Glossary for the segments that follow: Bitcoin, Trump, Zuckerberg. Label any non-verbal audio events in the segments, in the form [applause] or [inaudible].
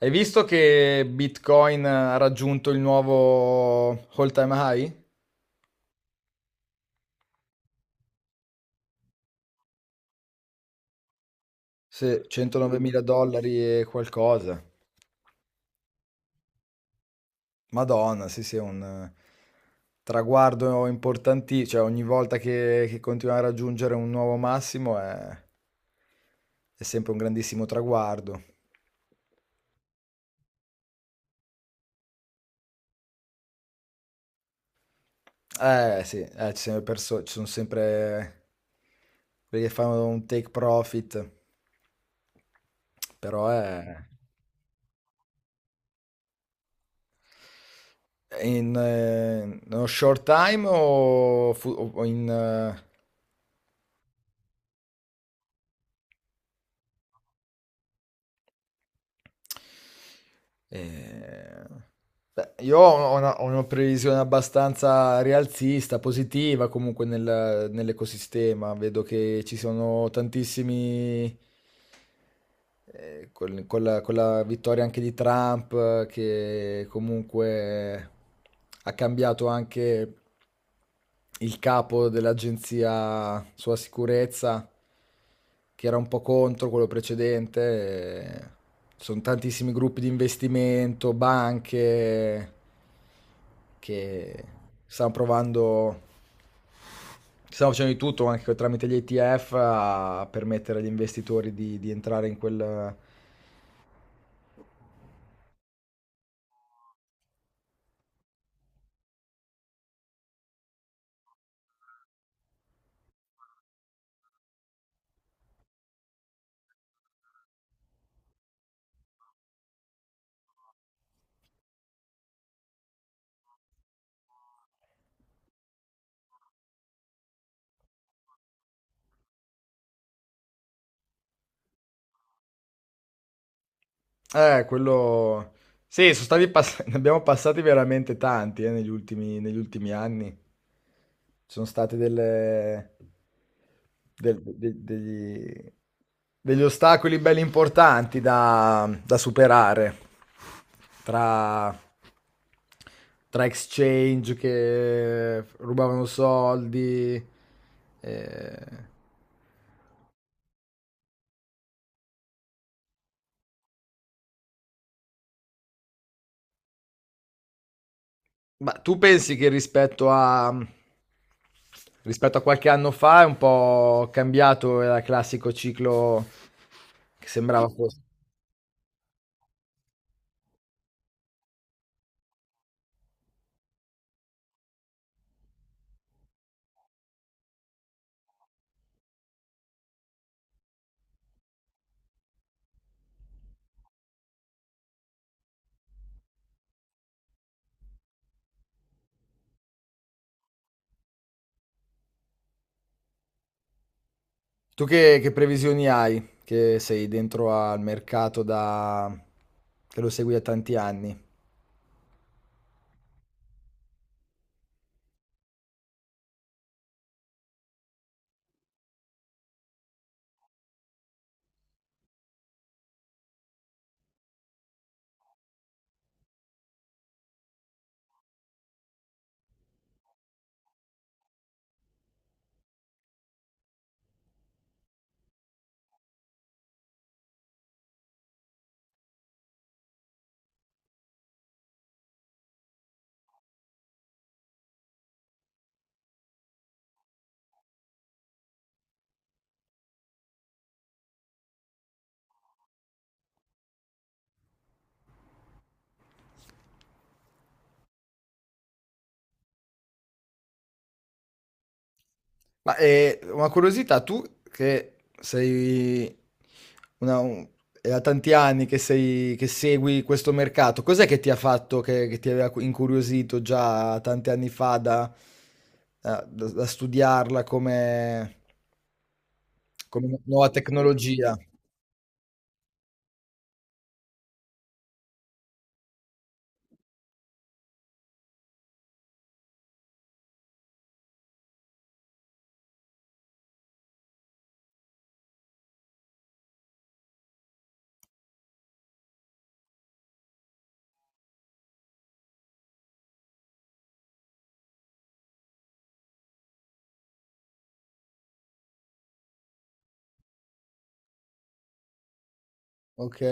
Hai visto che Bitcoin ha raggiunto il nuovo all-time high? Se 109 mila dollari e qualcosa. Madonna, sì, sì, è un traguardo importantissimo. Cioè, ogni volta che continuiamo a raggiungere un nuovo massimo è sempre un grandissimo traguardo. Sì, ci sono sempre quelli che fanno un take profit, però è... In, nello short time o eh, beh, io ho ho una previsione abbastanza rialzista, positiva comunque nell'ecosistema. Vedo che ci sono tantissimi con la vittoria anche di Trump, che comunque ha cambiato anche il capo dell'agenzia sulla sicurezza, che era un po' contro quello precedente. eh, Sono tantissimi gruppi di investimento, banche che stanno provando. Stiamo facendo di tutto anche tramite gli ETF a permettere agli investitori di entrare in quel, eh, quello... Sì, [laughs] ne abbiamo passati veramente tanti, negli ultimi anni. Ci sono state delle... del- de- degli... degli ostacoli belli importanti da superare tra... tra exchange che rubavano soldi, eh. Ma tu pensi che rispetto a qualche anno fa è un po' cambiato, era il classico ciclo che sembrava fosse. Tu che previsioni hai? Che sei dentro al mercato da... che lo segui da tanti anni. Ma una curiosità, tu che sei una- un- è da tanti anni che, sei, che segui questo mercato, cos'è che ti ha fatto, che ti aveva incuriosito già tanti anni fa da, da studiarla come, come nuova tecnologia? Ok.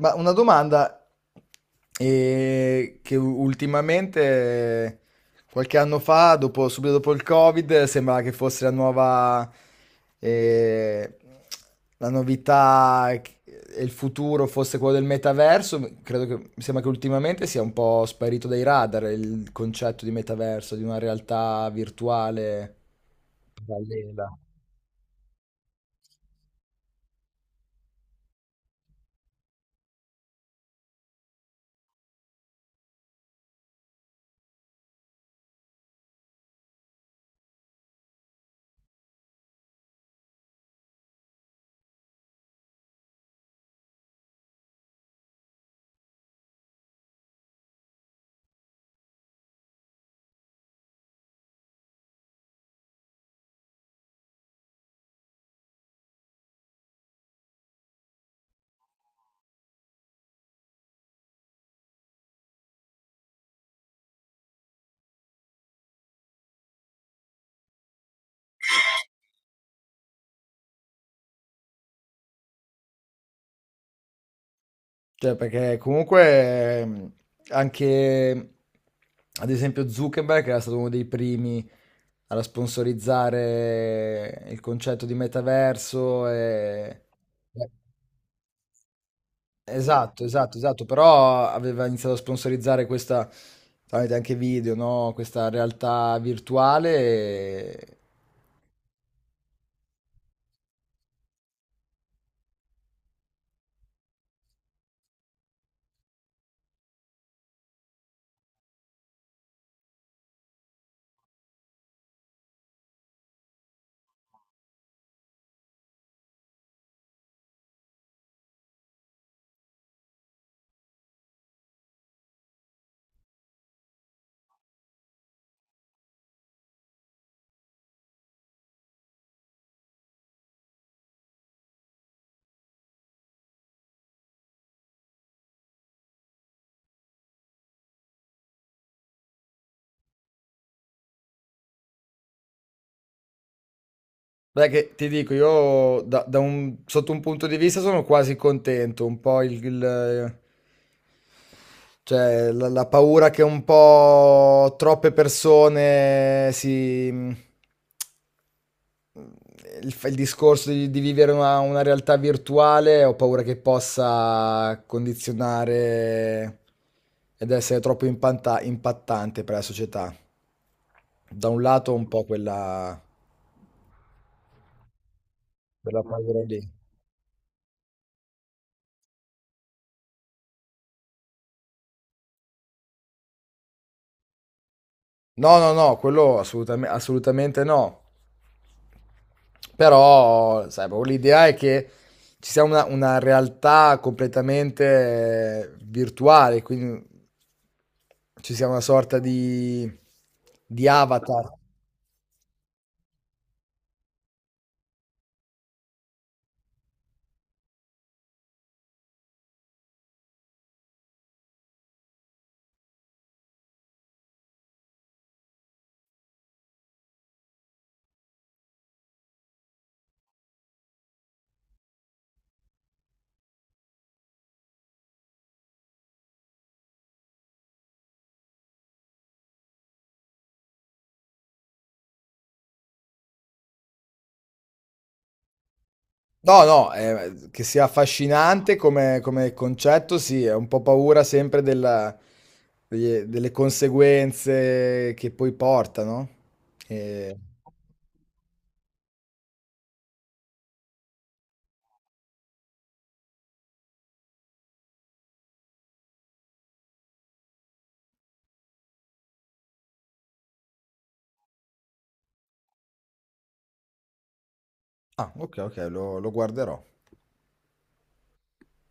Ma una domanda che ultimamente, qualche anno fa, subito dopo il Covid, sembrava che fosse la nuova, eh, la novità e il futuro fosse quello del metaverso. Credo che, mi sembra che ultimamente sia un po' sparito dai radar il concetto di metaverso, di una realtà virtuale parallela. Cioè, perché comunque anche, ad esempio, Zuckerberg era stato uno dei primi a sponsorizzare il concetto di metaverso e... Beh, esatto, esatto, esatto, però aveva iniziato a sponsorizzare questa, tramite anche video, no? Questa realtà virtuale. Beh, che ti dico, io da un, sotto un punto di vista sono quasi contento, un po' cioè, la paura che un po' troppe persone si... mm, il discorso di vivere una realtà virtuale, ho paura che possa condizionare ed essere troppo impattante per la società. Da un lato un po' quella, quella paura lì. No, no, no, quello assolutamente no. Però, sai, proprio l'idea è che ci sia una realtà completamente virtuale, quindi ci sia una sorta di avatar. No, no, che sia affascinante come, come concetto, sì, è un po' paura sempre delle conseguenze che poi portano. E- Ah, ok, ok, lo guarderò.